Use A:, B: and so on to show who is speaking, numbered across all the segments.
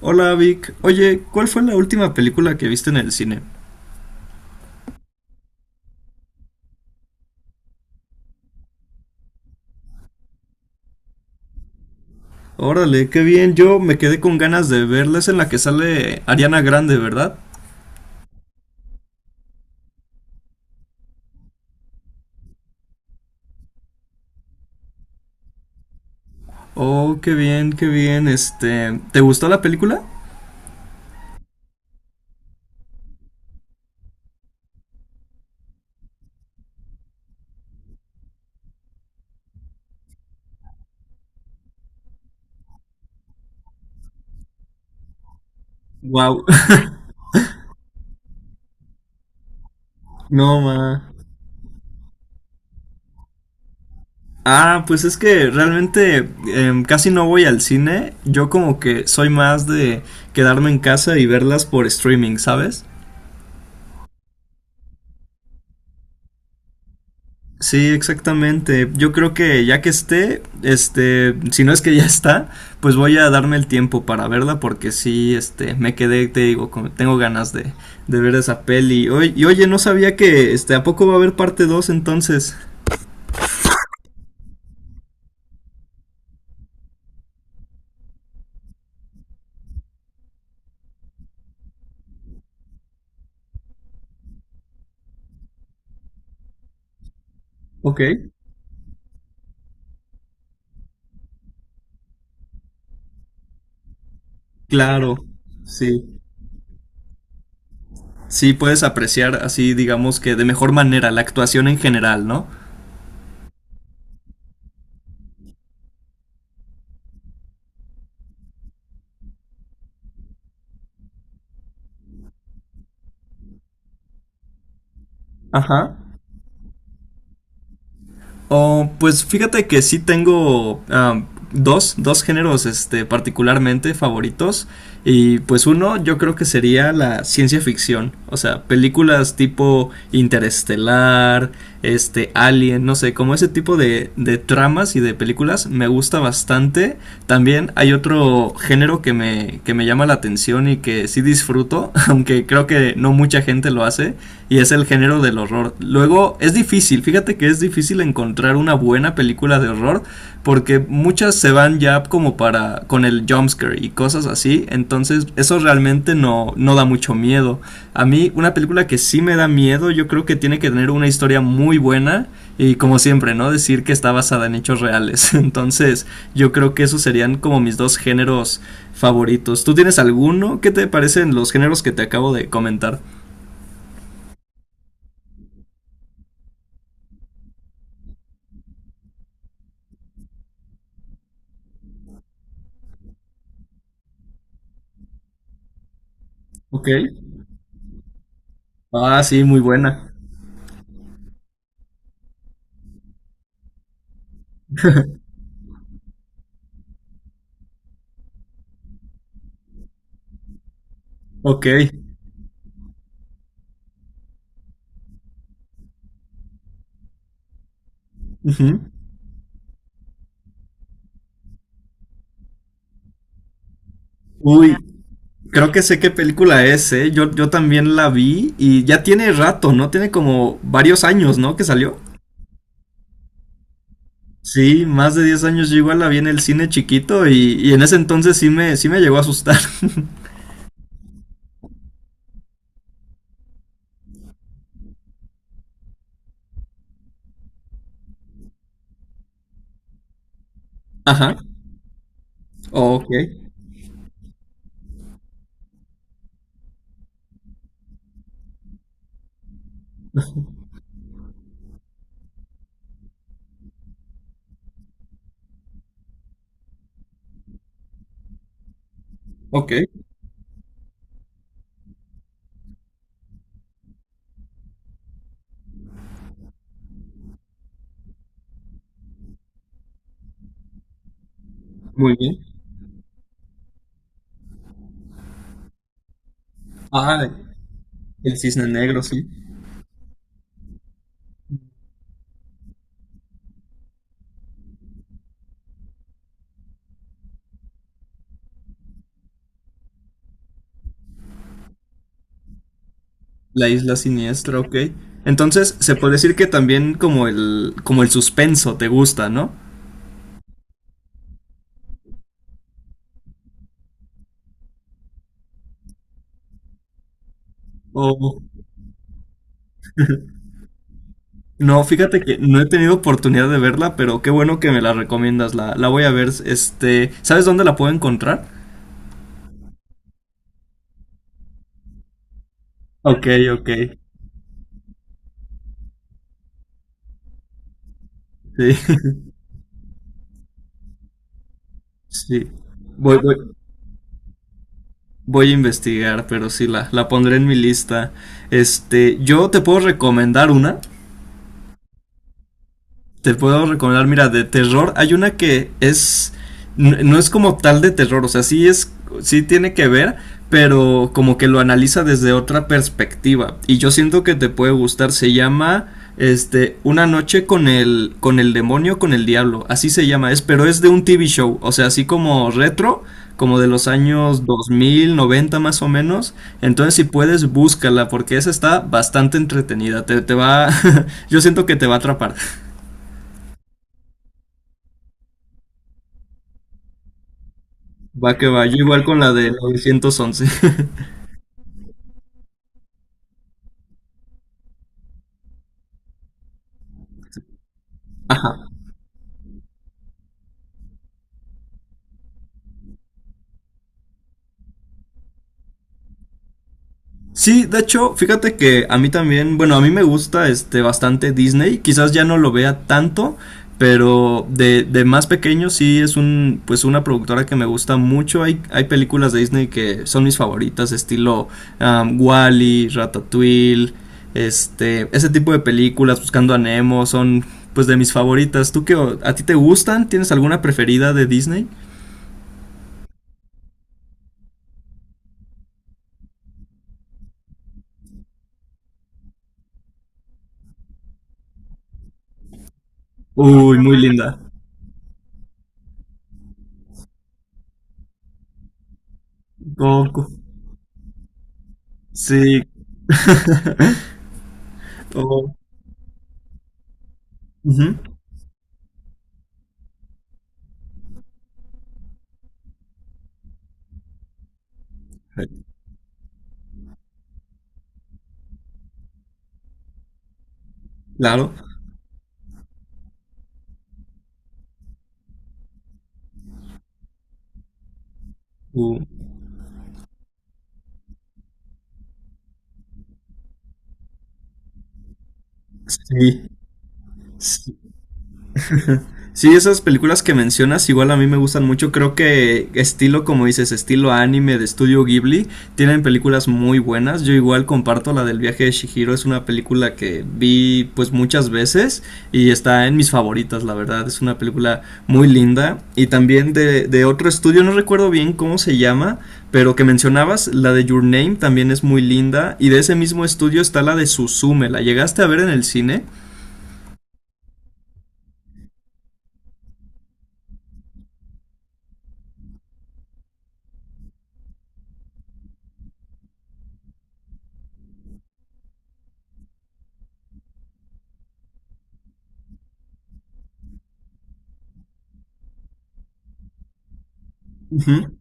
A: Hola Vic, oye, ¿cuál fue la última película que viste en el cine? Órale, qué bien, yo me quedé con ganas de verles en la que sale Ariana Grande, ¿verdad? Oh, qué bien, este, ¿te gustó la película? Wow, no ma. Ah, pues es que realmente casi no voy al cine, yo como que soy más de quedarme en casa y verlas por streaming, ¿sabes? Sí, exactamente. Yo creo que ya que esté, este, si no es que ya está, pues voy a darme el tiempo para verla porque sí, este, me quedé, te digo, tengo ganas de ver esa peli. Y oye, no sabía que, este, ¿a poco va a haber parte dos, entonces? Ok. Claro, sí. Sí, puedes apreciar así, digamos que de mejor manera la actuación en general, ¿no? Ajá. Oh, pues fíjate que sí tengo dos géneros este, particularmente favoritos. Y pues uno yo creo que sería la ciencia ficción. O sea, películas tipo Interestelar, este, Alien, no sé, como ese tipo de tramas y de películas me gusta bastante. También hay otro género que me llama la atención y que sí disfruto, aunque creo que no mucha gente lo hace, y es el género del horror. Luego, es difícil, fíjate que es difícil encontrar una buena película de horror porque muchas se van ya como para con el jumpscare y cosas así, entonces eso realmente no da mucho miedo. A mí una película que sí me da miedo, yo creo que tiene que tener una historia muy buena y como siempre, ¿no? Decir que está basada en hechos reales. Entonces yo creo que esos serían como mis dos géneros favoritos. ¿Tú tienes alguno? ¿Qué te parecen los géneros que te acabo de comentar? Ok. Ah, sí, muy buena. Ok. Ujú. Uy, creo que sé qué película es, ¿eh? Yo también la vi y ya tiene rato, ¿no? Tiene como varios años, ¿no? Que salió. Sí, más de 10 años yo igual la vi en el cine chiquito y en ese entonces sí me llegó a asustar. Ajá. Ok, ok, muy bien. Ah, el cisne negro, sí. La isla siniestra, ok. Entonces, se puede decir que también como como el suspenso te gusta, ¿no? O no, fíjate que no he tenido oportunidad de verla, pero qué bueno que me la recomiendas. La voy a ver. Este, ¿sabes dónde la puedo encontrar? Ok, ok. Sí, sí. Voy, voy, voy a investigar, pero sí la pondré en mi lista. Este, yo te puedo recomendar una. Te puedo recomendar, mira, de terror, hay una que es, no es como tal de terror, o sea, sí es, sí tiene que ver, pero como que lo analiza desde otra perspectiva. Y yo siento que te puede gustar, se llama, este, Una noche con el demonio, con el diablo, así se llama, es, pero es de un TV show, o sea, así como retro. Como de los años 2000 90 más o menos. Entonces, si puedes, búscala, porque esa está bastante entretenida. Te va. Yo siento que te va a atrapar. Va que va, yo igual con la de 911. Ajá. Sí, de hecho, fíjate que a mí también, bueno, a mí me gusta este bastante Disney, quizás ya no lo vea tanto, pero de más pequeño sí es un pues una productora que me gusta mucho. Hay películas de Disney que son mis favoritas, estilo Wally, Ratatouille, este, ese tipo de películas, Buscando a Nemo, son pues de mis favoritas. ¿Tú qué a ti te gustan? ¿Tienes alguna preferida de Disney? Uy, muy linda. Goku. Sí, o- ujú. Claro. u- sí, sí. Sí, esas películas que mencionas igual a mí me gustan mucho. Creo que estilo, como dices, estilo anime de estudio Ghibli, tienen películas muy buenas. Yo igual comparto la del viaje de Shihiro, es una película que vi pues muchas veces y está en mis favoritas, la verdad. Es una película muy linda. Y también de otro estudio, no recuerdo bien cómo se llama, pero que mencionabas, la de Your Name también es muy linda. Y de ese mismo estudio está la de Suzume. ¿La llegaste a ver en el cine? Ujú.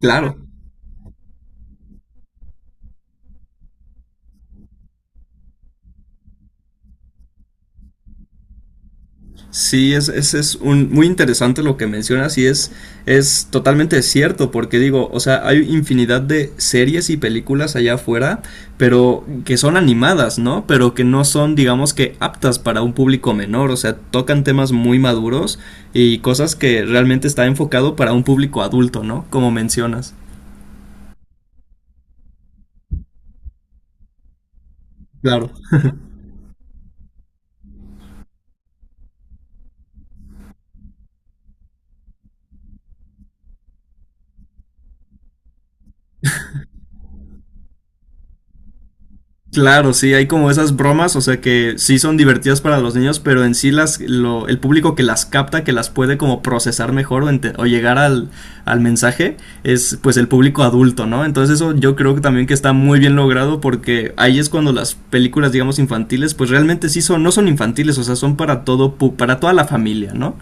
A: Claro. Sí, es un, muy interesante lo que mencionas y es totalmente cierto, porque digo, o sea, hay infinidad de series y películas allá afuera, pero que son animadas, ¿no? Pero que no son, digamos que, aptas para un público menor, o sea, tocan temas muy maduros y cosas que realmente está enfocado para un público adulto, ¿no? Como mencionas. Claro. Claro, sí, hay como esas bromas, o sea que sí son divertidas para los niños, pero en sí el público que las capta, que las puede como procesar mejor o llegar al, al mensaje, es pues el público adulto, ¿no? Entonces eso yo creo que también que está muy bien logrado porque ahí es cuando las películas, digamos, infantiles, pues realmente sí son, no son infantiles, o sea, son para todo, para toda la familia, ¿no?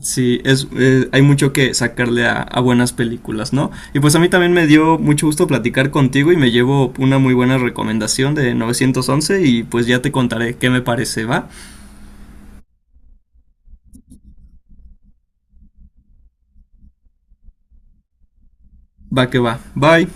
A: Sí, es, hay mucho que sacarle buenas películas, ¿no? Y pues a mí también me dio mucho gusto platicar contigo y me llevo una muy buena recomendación de 911 y pues ya te contaré qué me parece, ¿va? Va que va. Bye.